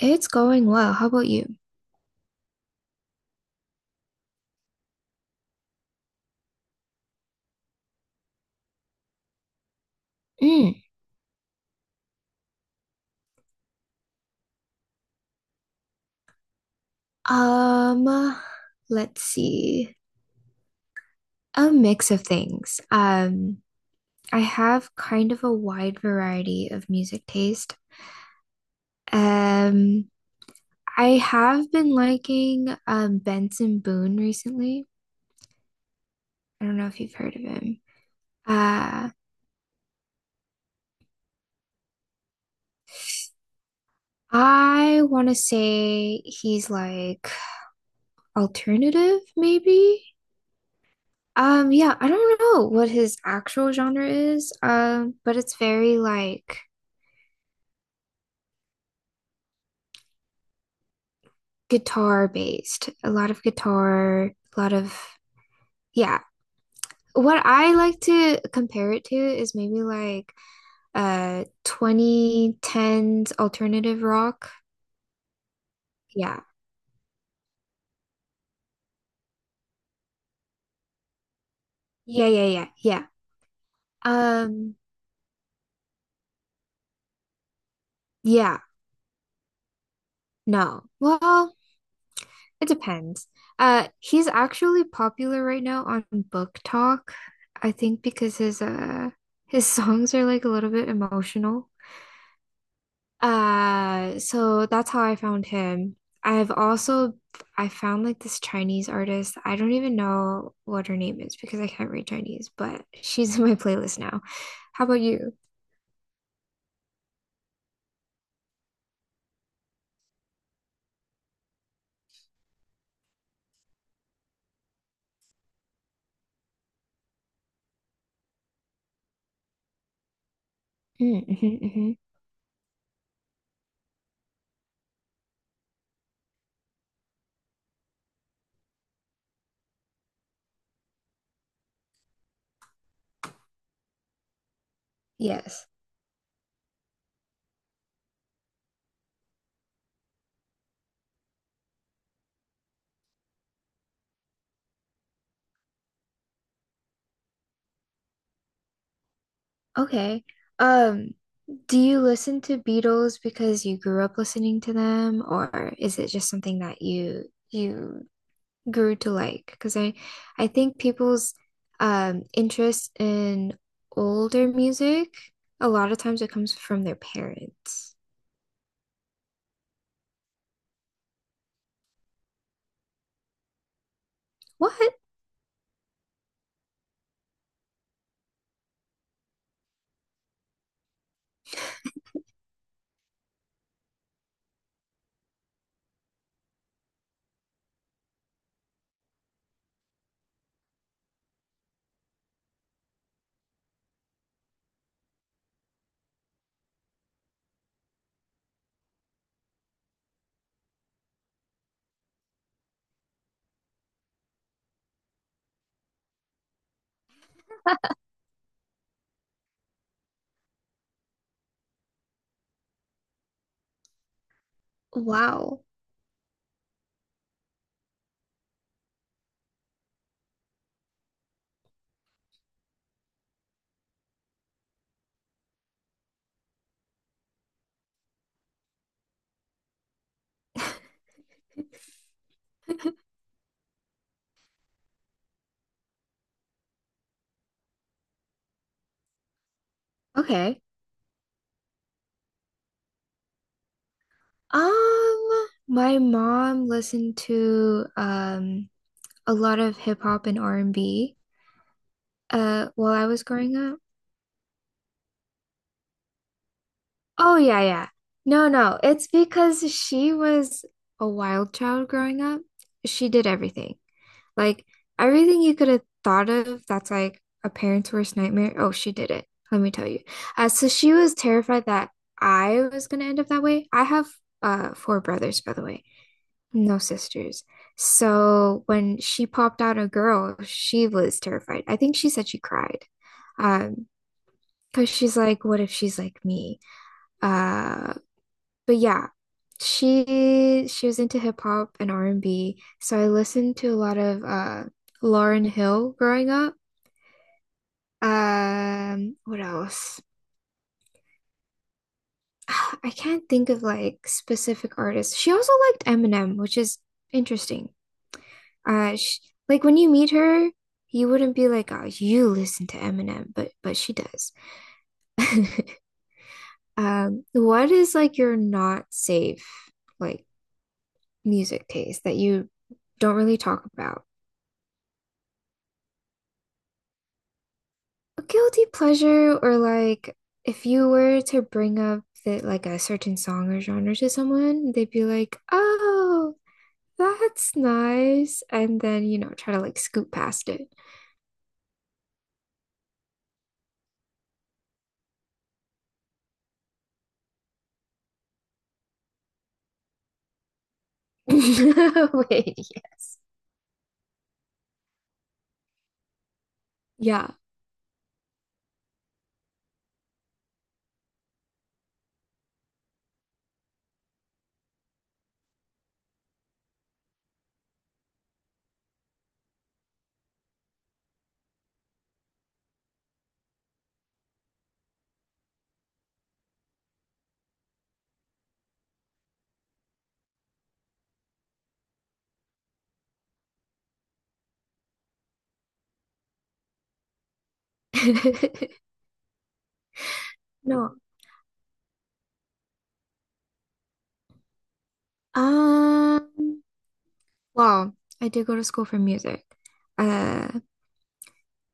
It's going well. How about you? Mm. Um, uh, let's see. A mix of things. I have kind of a wide variety of music taste. Um, I have been liking Benson Boone recently. I don't know if you've heard of him. Uh, I want to say he's like alternative, maybe. Yeah, I don't know what his actual genre is, but it's very like guitar based, a lot of guitar, a lot of yeah. What I like to compare it to is maybe like 2010s alternative rock. Yeah. Yeah, yeah, yeah, yeah. Um, yeah, no. Well, it depends. He's actually popular right now on Book Talk, I think because his songs are like a little bit emotional. So that's how I found him. I've also. I found like this Chinese artist. I don't even know what her name is because I can't read Chinese, but she's in my playlist now. How about you? Mm, mhm, mhm. Yes. Okay. Um, do you listen to Beatles because you grew up listening to them, or is it just something that you grew to like because I think people's interest in older music a lot of times it comes from their parents. What? Wow. Okay. My mom listened to a lot of hip hop and R&B while I was growing up. Oh yeah, yeah. No, no. It's because she was a wild child growing up. She did everything. Like everything you could have thought of that's like a parent's worst nightmare. Oh, she did it. Let me tell you. So she was terrified that I was gonna end up that way. I have four brothers, by the way. No sisters. So when she popped out a girl, she was terrified. I think she said she cried. Um, because she's like, what if she's like me? Uh, but yeah, she was into hip hop and R&B. So I listened to a lot of Lauryn Hill growing up. What else? I can't think of like specific artists. She also liked Eminem, which is interesting. Sh Like when you meet her, you wouldn't be like, "Oh, you listen to Eminem," but she does. What is like your not safe like music taste that you don't really talk about? A guilty pleasure or like if you were to bring up that like a certain song or genre to someone, they'd be like, "Oh, that's nice," and then you know try to like scoot past it. Wait, yes, yeah. No. Um, well, I did go to school for music. Uh,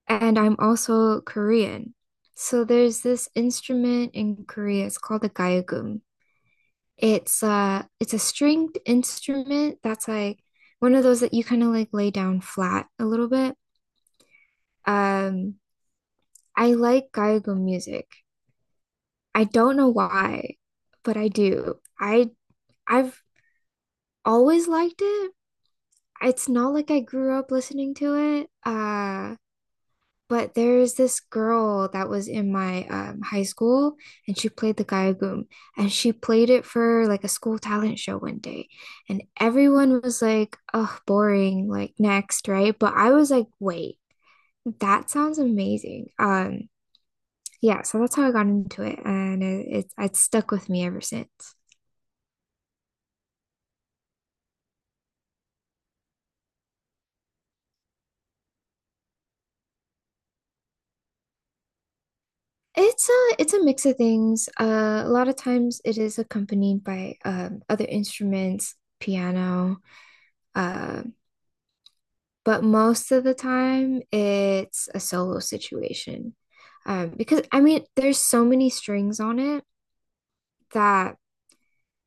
and I'm also Korean. So there's this instrument in Korea. It's called the gayagum. It's a stringed instrument that's like one of those that you kind of like lay down flat a little bit. Um, I like gayagum music. I don't know why, but I do. I've always liked it. It's not like I grew up listening to it. But there's this girl that was in my high school, and she played the gayagum, and she played it for like a school talent show one day, and everyone was like, "Oh, boring!" Like next, right? But I was like, "Wait, that sounds amazing." Yeah, so that's how I got into it, and it's stuck with me ever since. It's a mix of things. A lot of times it is accompanied by other instruments, piano. Um but most of the time it's a solo situation. Because I mean, there's so many strings on it that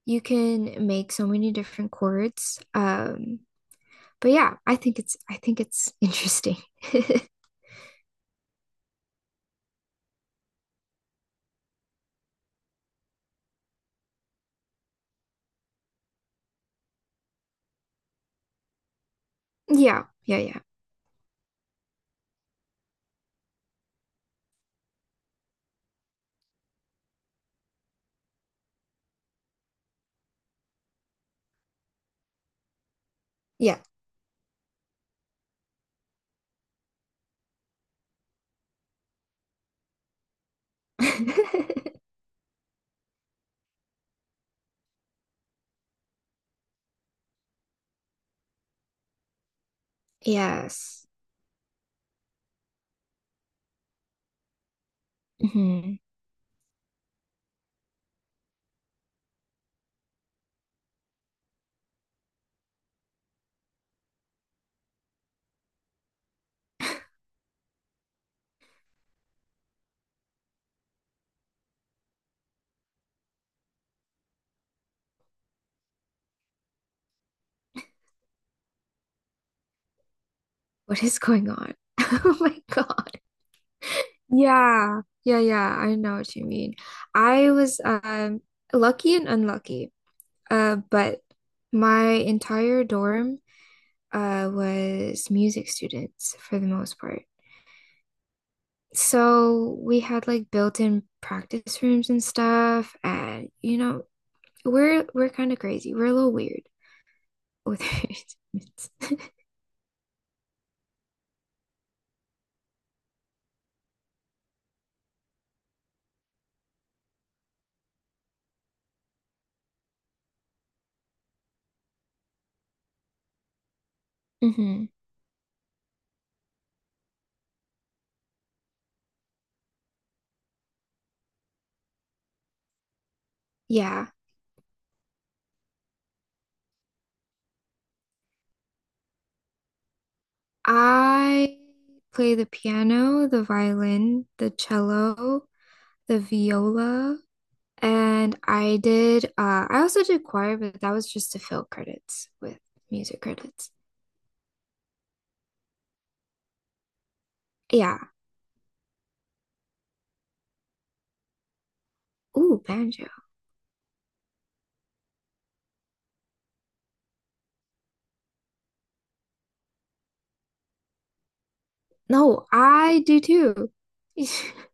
you can make so many different chords. But yeah, I think it's interesting. Yeah, yeah, yeah, yeah. Yes. Mhm. What is going on? Oh my God. Yeah, yeah, yeah. I know what you mean. I was lucky and unlucky. But my entire dorm was music students for the most part. So we had like built-in practice rooms and stuff, and you know, we're kind of crazy. We're a little weird with our instruments. hmm Yeah. I play the piano, the violin, the cello, the viola, and I also did choir, but that was just to fill credits with music credits. Yeah. Ooh, banjo. No, I do too.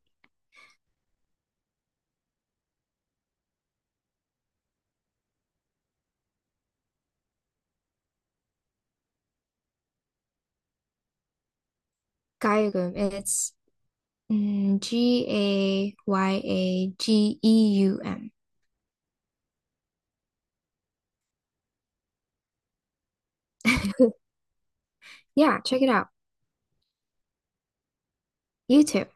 Gayageum. It's Gayageum Yeah, check it out. YouTube.